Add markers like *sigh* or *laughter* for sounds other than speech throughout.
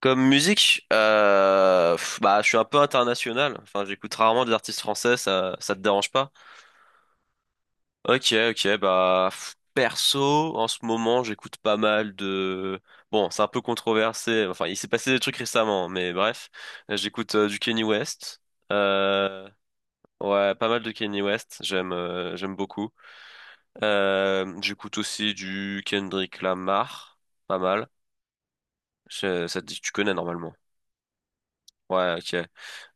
Comme musique, je suis un peu international. Enfin, j'écoute rarement des artistes français, ça te dérange pas? Ok, ok, perso, en ce moment, j'écoute pas mal de. Bon, c'est un peu controversé. Enfin, il s'est passé des trucs récemment, mais bref. J'écoute du Kanye West. Euh, ouais, pas mal de Kanye West. J'aime, j'aime beaucoup. J'écoute aussi du Kendrick Lamar. Pas mal. Ça te dit que tu connais normalement. Ouais, ok.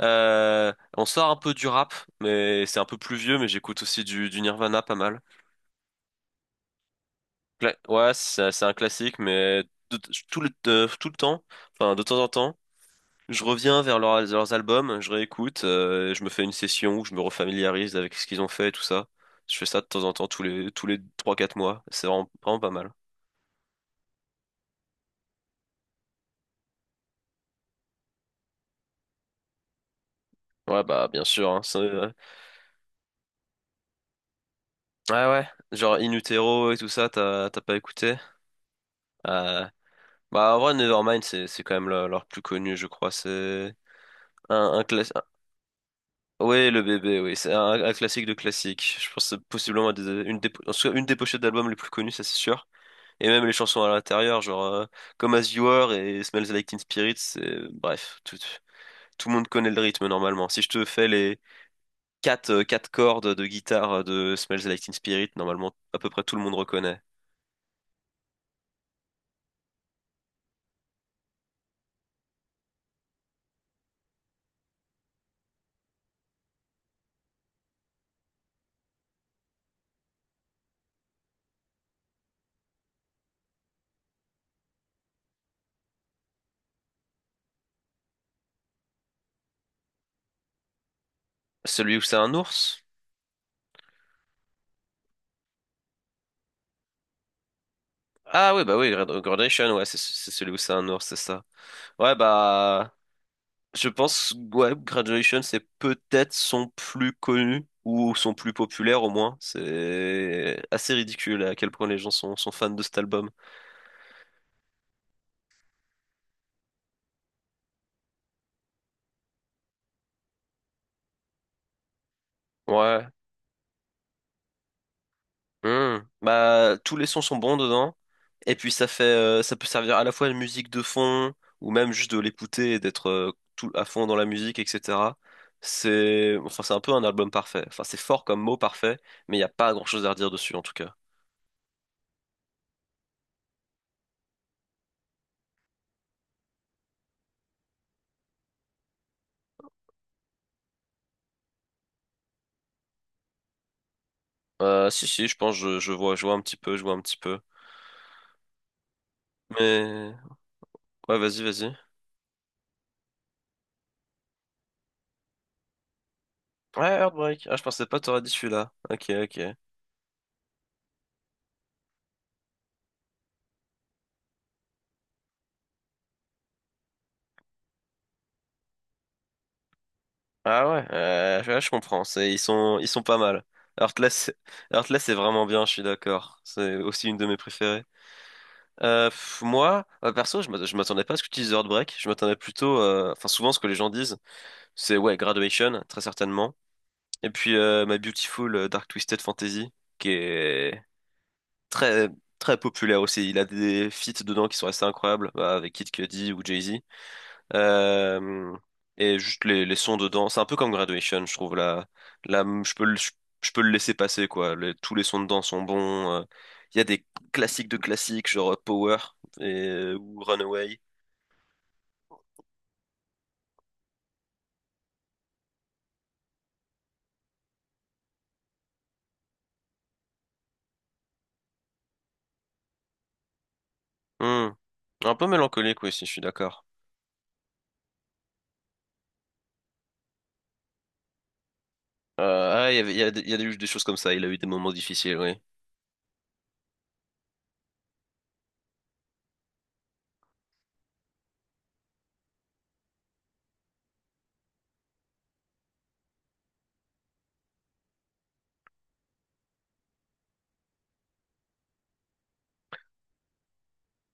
On sort un peu du rap, mais c'est un peu plus vieux, mais j'écoute aussi du Nirvana pas mal. Ouais, c'est un classique, mais de- tout le temps, enfin de temps en temps, je reviens vers leurs albums, je réécoute, je me fais une session où je me refamiliarise avec ce qu'ils ont fait et tout ça. Je fais ça de temps en temps, tous les 3-4 mois. C'est vraiment pas mal. Ouais, bah bien sûr. Hein, ouais, ouais. Ouais. Genre In Utero et tout ça, t'as pas écouté? Euh, Bah en vrai, Nevermind, c'est quand même leur plus connu, je crois. C'est un classique. Oui, le bébé, oui. C'est un classique de classique. Je pense que c'est possiblement une des, en tout cas, une des pochettes d'albums les plus connues, ça c'est sûr. Et même les chansons à l'intérieur, Comme As You Are et Smells Like Teen Spirit, Bref, tout, tout le monde connaît le rythme normalement. Si je te fais les quatre cordes de guitare de Smells Like Teen Spirit, normalement à peu près tout le monde reconnaît. Celui où c'est un ours? Ah oui, bah oui, Red Red Nation, ouais, c'est celui où c'est un ours, c'est ça. Ouais, bah... Je pense, ouais, Graduation, c'est peut-être son plus connu ou son plus populaire au moins. C'est assez ridicule à quel point les gens sont fans de cet album. Ouais. Hmm. Bah, tous les sons sont bons dedans. Et puis ça fait, ça peut servir à la fois de musique de fond ou même juste de l'écouter et d'être tout à fond dans la musique, etc. C'est un peu un album parfait. Enfin, c'est fort comme mot parfait, mais il n'y a pas grand-chose à redire dessus en tout cas. Si, si, je pense, je vois, je vois un petit peu. Mais ouais, vas-y. Ouais, Heartbreak. Ah, je pensais pas t'aurais dit celui-là. Ok, ok. Ah ouais, ouais, je comprends. C'est, ils sont pas mal. Heartless, Heartless est vraiment bien, je suis d'accord. C'est aussi une de mes préférées. Perso, je m'attendais pas à ce que tu dises Heartbreak. Je m'attendais plutôt, enfin, souvent, ce que les gens disent, c'est ouais, Graduation, très certainement. Et puis, My Beautiful Dark Twisted Fantasy, qui est très, très populaire aussi. Il a des feats dedans qui sont assez incroyables, bah, avec Kid Cudi ou Jay-Z. Euh, et juste les sons dedans, c'est un peu comme Graduation, je trouve. Là, je peux je peux le laisser passer, quoi. Tous les sons dedans sont bons. Il y a des classiques de classiques, genre Power et, ou Runaway. Hmm. Un peu mélancolique, oui, si je suis d'accord. Il y a, il y a eu des choses comme ça. Il a eu des moments difficiles, oui.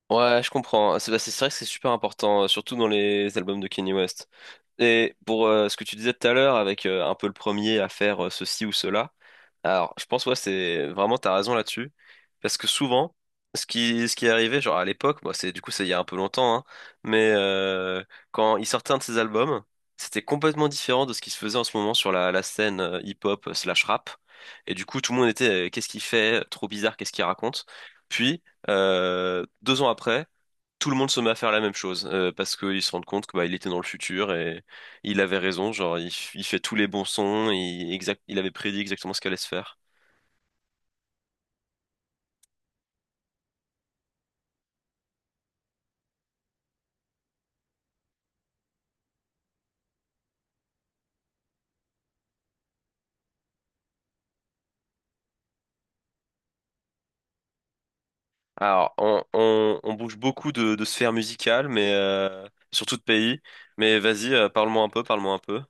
Ouais, je comprends. C'est vrai que c'est super important, surtout dans les albums de Kanye West. Et pour ce que tu disais tout à l'heure, avec un peu le premier à faire ceci ou cela, alors je pense ouais, c'est vraiment t'as raison là-dessus, parce que souvent, ce qui est arrivé, genre à l'époque, bah, c'est du coup c'est il y a un peu longtemps, mais euh, quand il sortait un de ses albums, c'était complètement différent de ce qui se faisait en ce moment sur la scène hip-hop slash rap. Et du coup, tout le monde était qu'est-ce qu'il fait? Trop bizarre, qu'est-ce qu'il raconte? Deux ans après, tout le monde se met à faire la même chose parce qu'ils se rendent compte que bah, il était dans le futur et il avait raison. Il fait tous les bons sons, exact, il avait prédit exactement ce qu'allait se faire. Alors, on bouge beaucoup de sphères musicales, mais surtout de pays. Mais vas-y, parle-moi un peu.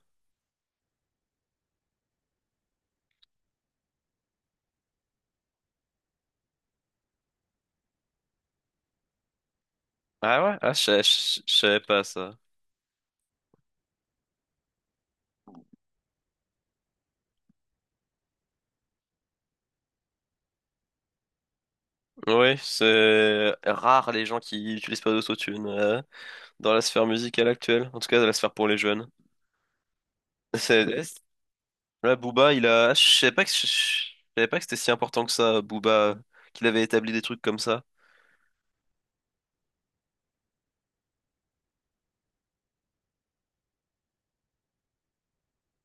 Ah ouais, ah, je savais pas ça. Oui, c'est rare les gens qui utilisent pas d'autotune dans la sphère musicale actuelle, en tout cas dans la sphère pour les jeunes. *laughs* Là, Booba, il a. Je savais pas que c'était si important que ça, Booba, qu'il avait établi des trucs comme ça.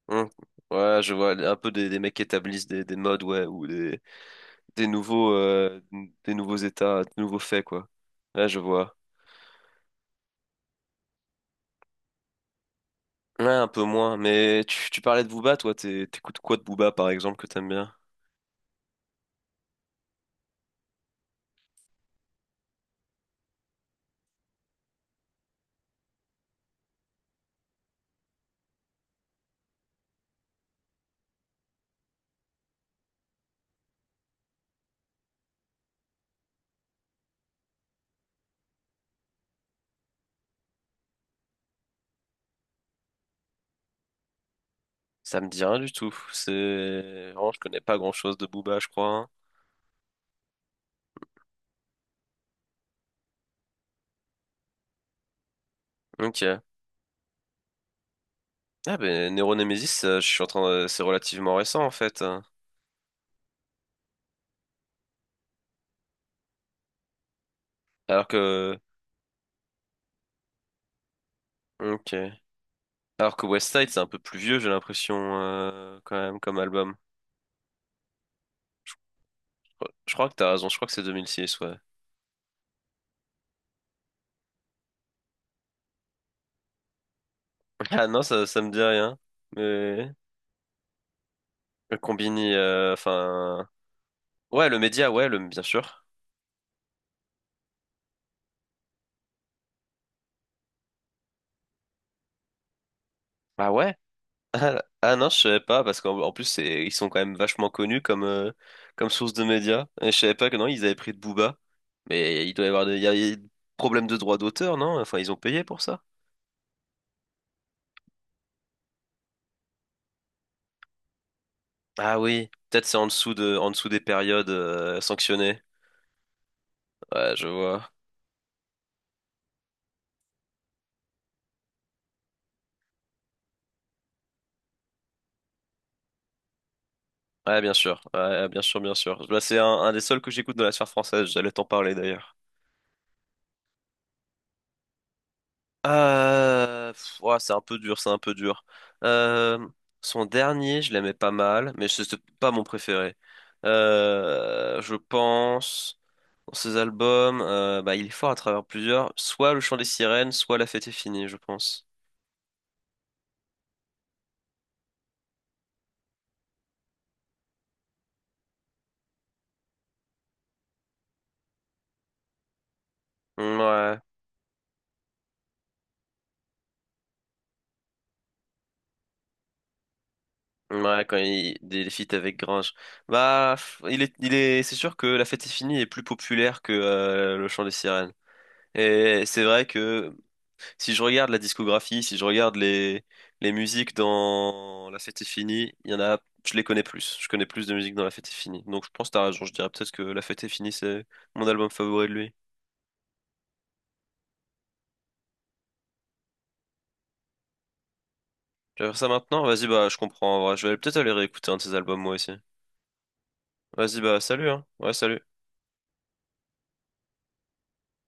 Hum. Ouais, je vois un peu des mecs qui établissent des modes, ouais, ou des nouveaux euh, des nouveaux états, des nouveaux faits, quoi. Là, je vois. Ouais, un peu moins. Mais tu parlais de Booba, toi, t'écoutes quoi de Booba, par exemple, que t'aimes bien? Ça me dit rien du tout. C'est vraiment, je connais pas grand-chose de Booba, je crois. Hein. Ok. Ah ben, Neuro Nemesis, je suis en train de... c'est relativement récent en fait. Hein. Alors que, ok. Alors que West Side, c'est un peu plus vieux, j'ai l'impression, quand même, comme album. Je crois que t'as raison, je crois que c'est 2006 ouais. *laughs* Ah non, ça me dit rien. Mais... Le Combini, enfin... Ouais, le Média, ouais, le... bien sûr. Ah ouais? *laughs* Ah, ah non, je savais pas, parce qu'en plus, ils sont quand même vachement connus comme, comme source de médias. Et je savais pas que non, ils avaient pris de Booba. Mais il doit y avoir des... il y a des problèmes de droit d'auteur, non? Enfin, ils ont payé pour ça. Ah oui, peut-être c'est en dessous de... en dessous des périodes, sanctionnées. Ouais, je vois. Ouais, bien sûr. Ouais, bien sûr, bien sûr. Bah, c'est un des seuls que j'écoute dans la sphère française. J'allais t'en parler d'ailleurs. Pff, ouah, c'est un peu dur, c'est un peu dur. Euh, Son dernier, je l'aimais pas mal, mais c'était pas mon préféré. Je pense, dans ses albums, bah, il est fort à travers plusieurs. Soit Le Chant des Sirènes, soit La Fête est finie, je pense. Ouais. Ouais, quand il des feats avec Grange. Bah, pff, il est, c'est sûr que La Fête est finie est plus populaire que Le Chant des Sirènes. Et c'est vrai que si je regarde la discographie, si je regarde les musiques dans La Fête est finie, il y en a, je les connais plus. Je connais plus de musique dans La Fête est finie. Donc je pense que t'as raison, je dirais peut-être que La Fête est finie, c'est mon album favori de lui. Tu vas faire ça maintenant? Vas-y, bah je comprends en vrai. Je vais peut-être aller réécouter un de ses albums moi aussi. Vas-y, bah salut, hein. Ouais, salut.